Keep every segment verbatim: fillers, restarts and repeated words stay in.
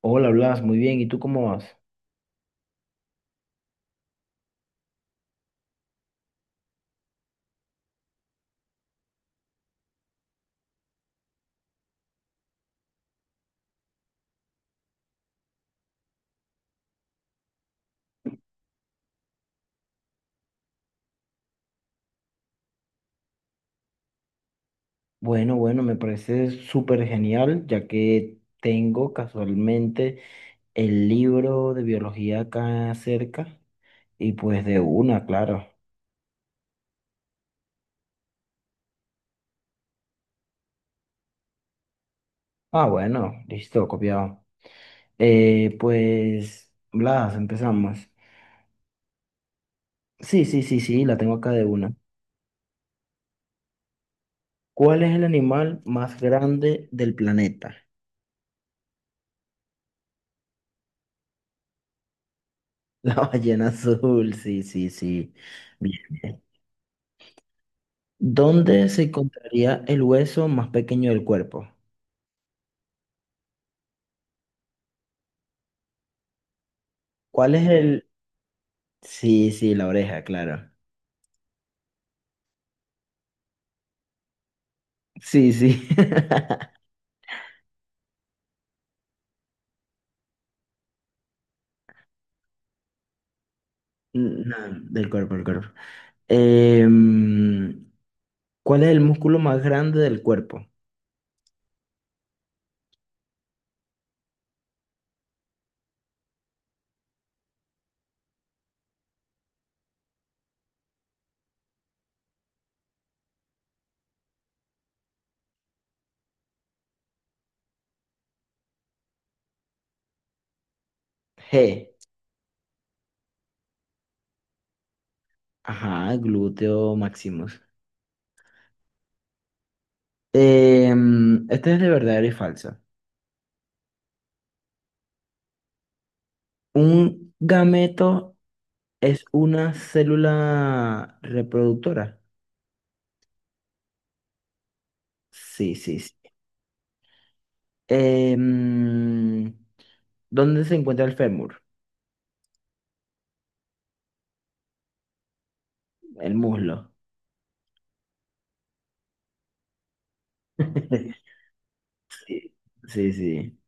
Hola, Blas, muy bien. ¿Y tú cómo vas? Bueno, bueno, me parece súper genial, ya que tengo casualmente el libro de biología acá cerca y pues de una, claro. Ah, bueno, listo, copiado. Eh, pues, Blas, empezamos. Sí, sí, sí, sí, la tengo acá de una. ¿Cuál es el animal más grande del planeta? La ballena azul, sí, sí, sí. Bien, bien. ¿Dónde se encontraría el hueso más pequeño del cuerpo? ¿Cuál es el...? Sí, sí, la oreja, claro. Sí, sí. No, del cuerpo, del cuerpo. Em, ¿Cuál es el músculo más grande del cuerpo? G. Ajá, glúteo maximus. Em, este es de verdadero y falso. ¿Un gameto es una célula reproductora? Sí, sí, sí. Em, ¿Dónde se encuentra el fémur? El muslo. Sí, sí, sí.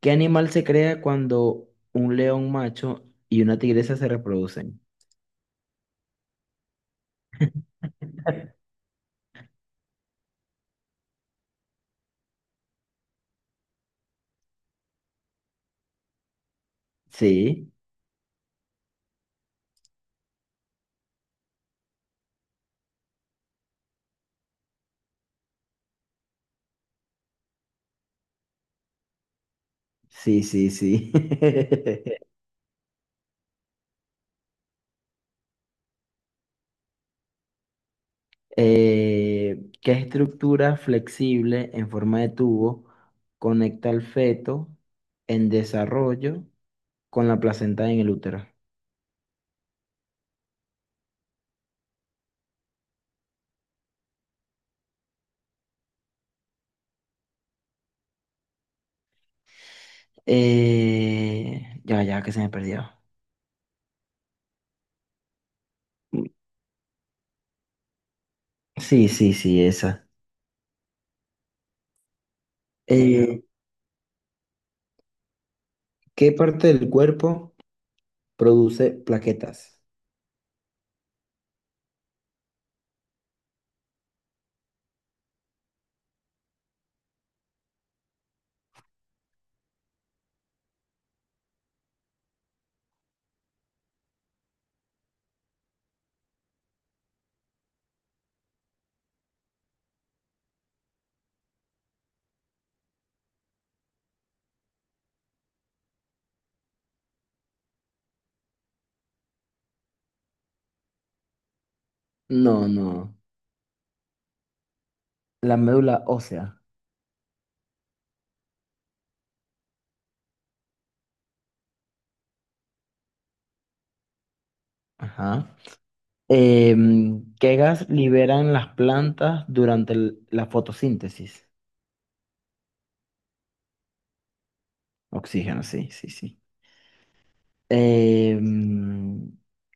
¿Qué animal se crea cuando un león macho y una tigresa se reproducen? Sí, sí, sí, sí. Eh, ¿qué estructura flexible en forma de tubo conecta al feto en desarrollo con la placenta en el útero? Eh, ya, ya, que se me perdió. Sí, sí, sí, esa. Eh, ¿Qué parte del cuerpo produce plaquetas? No, no. La médula ósea. Ajá. Em, ¿qué gas liberan las plantas durante el- la fotosíntesis? Oxígeno, sí, sí, sí. Em,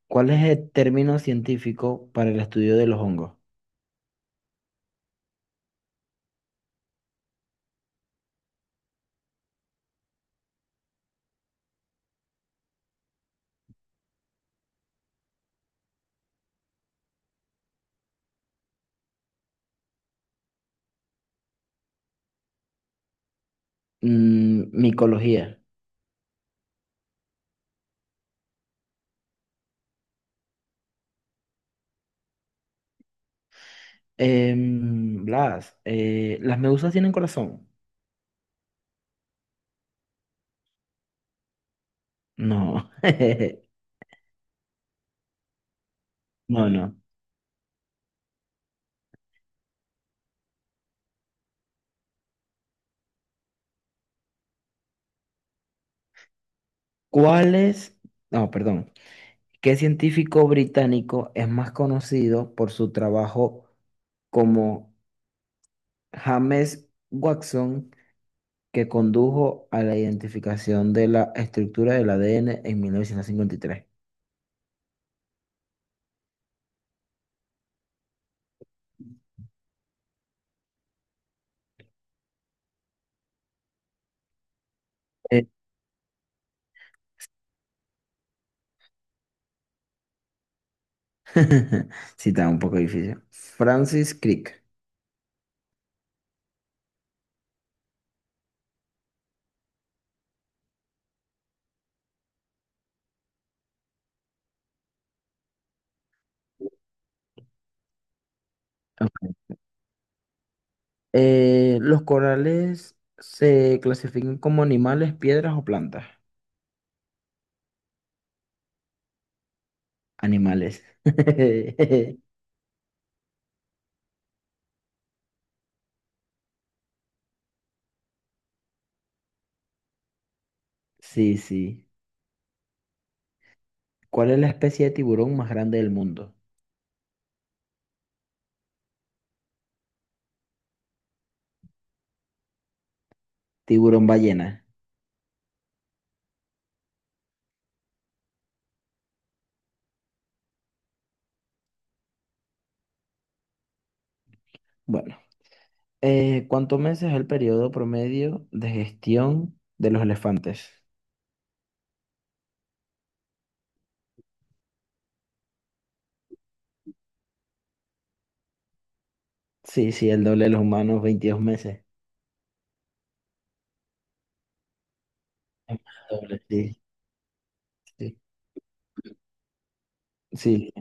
¿Cuál es el término científico para el estudio de los hongos? Mm, micología. Em, Blas, eh, ¿las medusas tienen corazón? No, no, no. ¿Cuál es? No, perdón. ¿Qué científico británico es más conocido por su trabajo como... James Watson, que condujo a la identificación de la estructura del A D N en mil novecientos cincuenta y tres. Eh, sí, está un poco difícil. Francis Crick. Ok. Eh, los corales se clasifican como animales, piedras o plantas. Animales. Sí, sí. ¿Cuál es la especie de tiburón más grande del mundo? Tiburón ballena. Bueno. Eh, ¿cuántos meses es el periodo promedio de gestión de los elefantes? Sí, sí, el doble de los humanos, veintidós meses. Doble, sí, sí. Sí.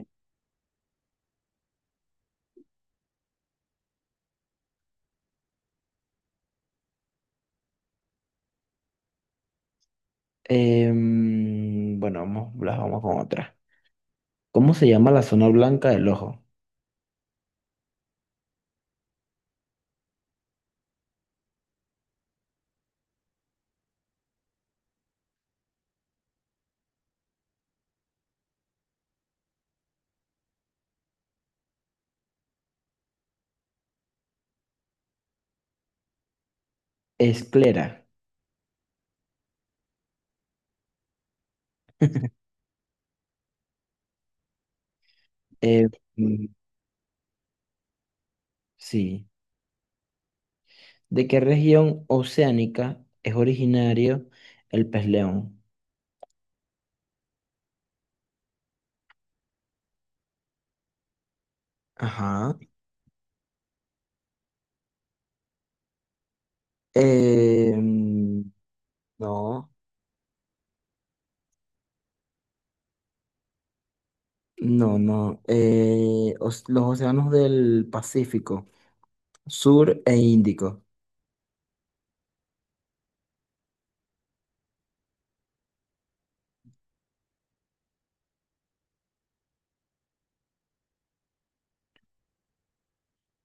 Em, bueno, vamos, las vamos con otra. ¿Cómo se llama la zona blanca del ojo? Esclera. Em, sí. ¿De qué región oceánica es originario el pez león? Ajá. Em, no. No, no. Eh, os- los océanos del Pacífico, Sur e Índico.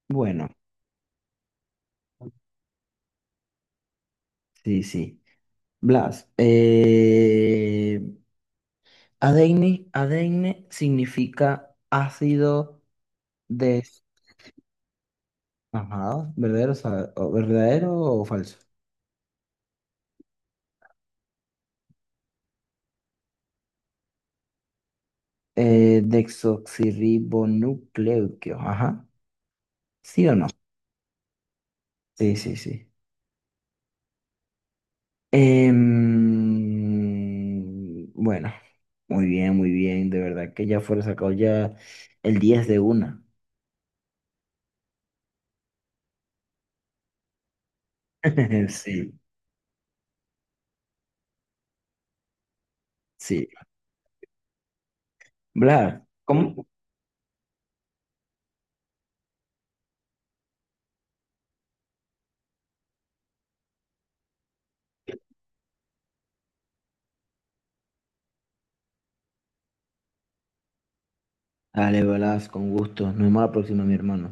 Bueno, sí, sí. Blas, eh, adeine, adeine significa ácido de... Ajá, ¿verdadero, o sea, o- verdadero o falso? Eh, desoxirribonucleico, ajá. ¿Sí o no? Sí, sí, sí. Em, bueno, muy bien, muy bien. De verdad que ya fuera sacado ya el diez de una. Sí, sí. Blas, ¿cómo? Dale, Blas, con gusto. Nos vemos la próxima, mi hermano.